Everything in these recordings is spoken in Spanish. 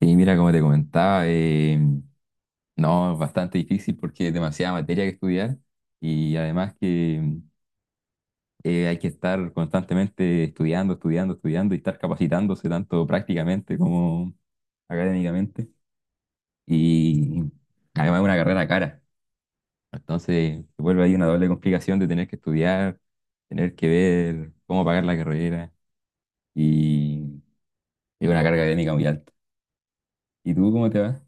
Y mira, como te comentaba, no, es bastante difícil porque es demasiada materia que estudiar y además que hay que estar constantemente estudiando, estudiando, estudiando y estar capacitándose tanto prácticamente como académicamente. Y además es una carrera cara, entonces se vuelve ahí una doble complicación de tener que estudiar, tener que ver cómo pagar la carrera y es una carga académica muy alta. ¿Y tú cómo te va?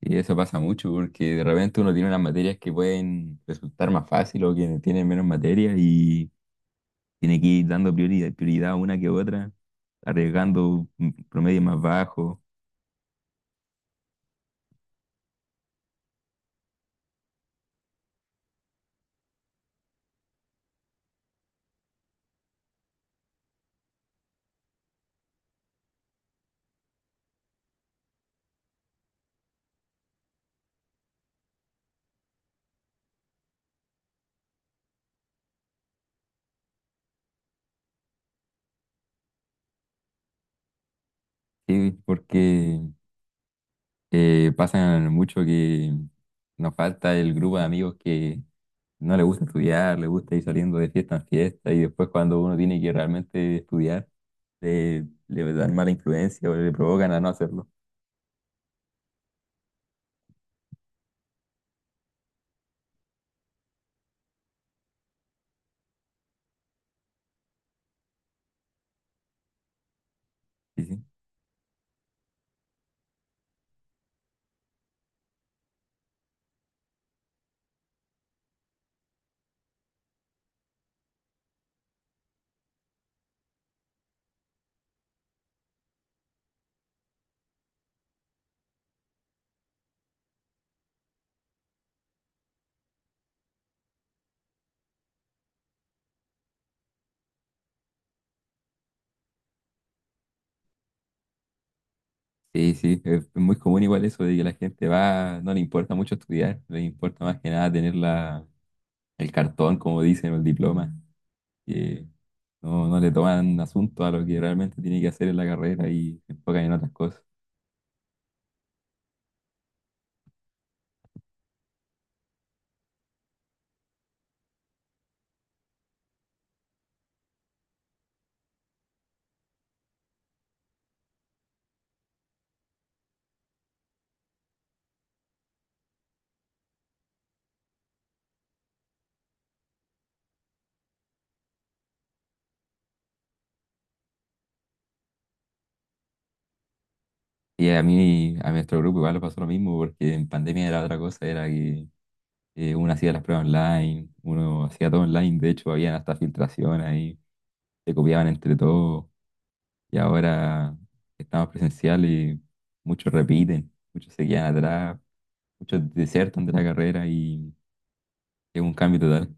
Y eso pasa mucho porque de repente uno tiene unas materias que pueden resultar más fácil o que tienen menos materias y tiene que ir dando prioridad, prioridad a una que otra, arriesgando un promedio más bajo. Sí, porque pasa mucho que nos falta el grupo de amigos que no le gusta estudiar, le gusta ir saliendo de fiesta en fiesta y después cuando uno tiene que realmente estudiar, le dan mala influencia o le provocan a no hacerlo. Sí, sí. Sí, sí, es muy común igual eso de que la gente va, no le importa mucho estudiar, le importa más que nada tener la, el cartón, como dicen, o el diploma, que no, no le toman asunto a lo que realmente tiene que hacer en la carrera y se enfocan en otras cosas. Y a mí, a nuestro grupo igual le pasó lo mismo, porque en pandemia era otra cosa, era que uno hacía las pruebas online, uno hacía todo online, de hecho había hasta filtración ahí, se copiaban entre todos, y ahora estamos presencial y muchos repiten, muchos se quedan atrás, muchos desertan de la carrera y es un cambio total.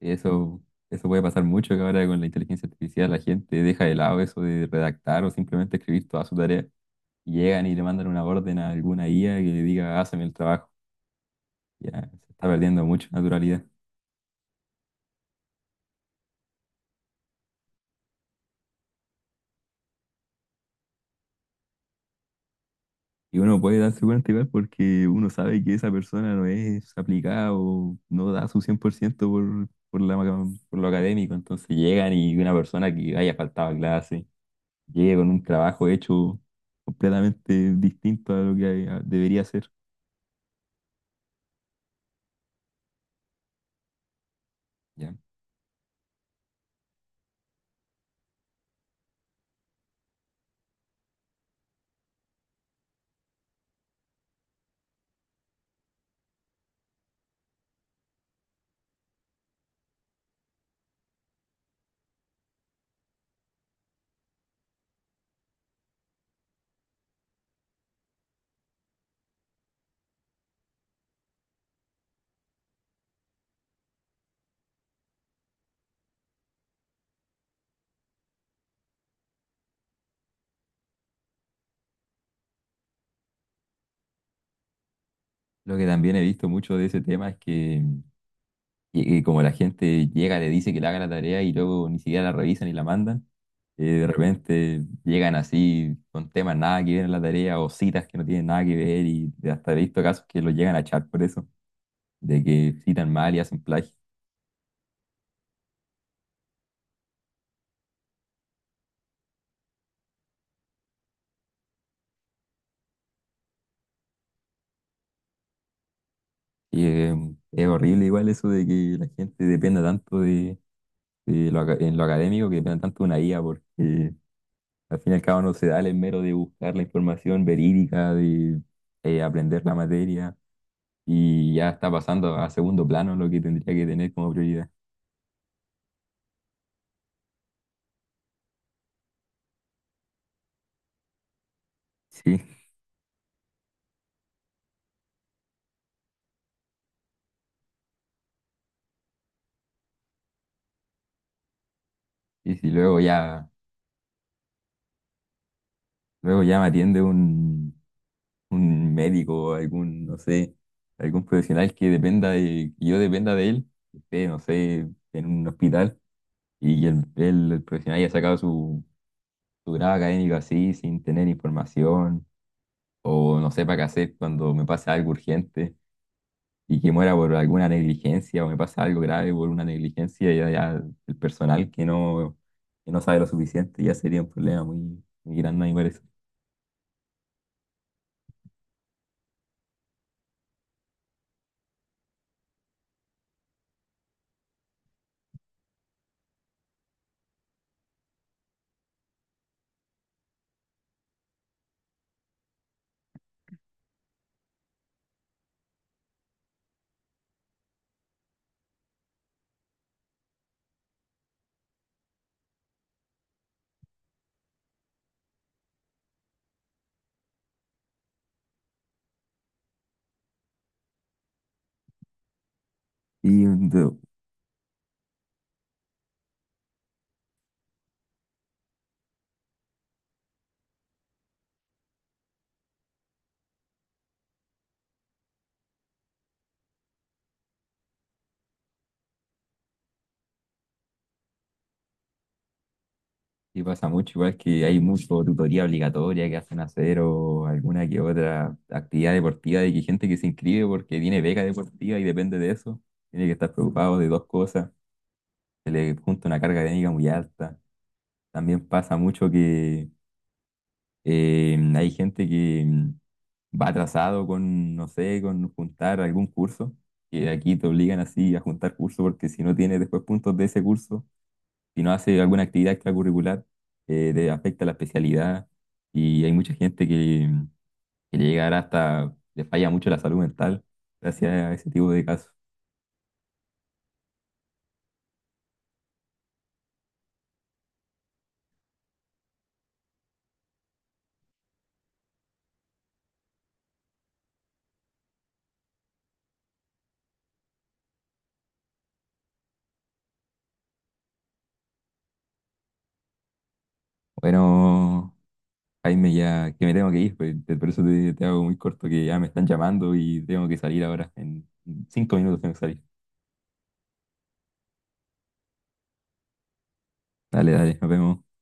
Eso, eso puede pasar mucho que ahora con la inteligencia artificial la gente deja de lado eso de redactar o simplemente escribir toda su tarea. Y llegan y le mandan una orden a alguna IA que le diga, hazme el trabajo. Ya se está perdiendo mucha naturalidad. Y uno puede darse cuenta igual porque uno sabe que esa persona no es aplicada o no da su 100% por, ciento por, la, por lo académico. Entonces llegan y una persona que haya faltado a clase llega con un trabajo hecho completamente distinto a lo que debería ser. ¿Ya? Lo que también he visto mucho de ese tema es que, que como la gente llega, le dice que le haga la tarea y luego ni siquiera la revisan y la mandan, de repente llegan así con temas nada que ver en la tarea o citas que no tienen nada que ver y hasta he visto casos que los llegan a echar por eso, de que citan mal y hacen plagio. Y, eh, es horrible igual eso de que la gente dependa tanto de lo, en lo académico, que dependa tanto de una IA porque al fin y al cabo no se da el mero de buscar la información verídica, de aprender la materia y ya está pasando a segundo plano lo que tendría que tener como prioridad. Sí, y si luego ya, luego ya me atiende un médico o algún, no sé, algún profesional que dependa de, que yo dependa de él, que esté, no sé, en un hospital y el profesional haya sacado su, su grado académico así, sin tener información o no sepa qué hacer cuando me pase algo urgente. Y que muera por alguna negligencia o me pasa algo grave por una negligencia ya, ya el personal que no sabe lo suficiente ya sería un problema muy, muy grande, me parece. Y, de- y pasa mucho, igual que hay mucho tutoría obligatoria que hacen hacer o alguna que otra actividad deportiva de que gente que se inscribe porque tiene beca deportiva y depende de eso, tiene que estar preocupado de dos cosas, se le junta una carga académica muy alta. También pasa mucho que hay gente que va atrasado con, no sé, con juntar algún curso, que aquí te obligan así a juntar curso porque si no tienes después puntos de ese curso, si no haces alguna actividad extracurricular, te afecta la especialidad y hay mucha gente que llegará hasta, le falla mucho la salud mental gracias a ese tipo de casos. Bueno, Jaime, ya que me tengo que ir, pues, por eso te, te hago muy corto, que ya me están llamando y tengo que salir ahora. En 5 minutos tengo que salir. Dale, dale, nos vemos.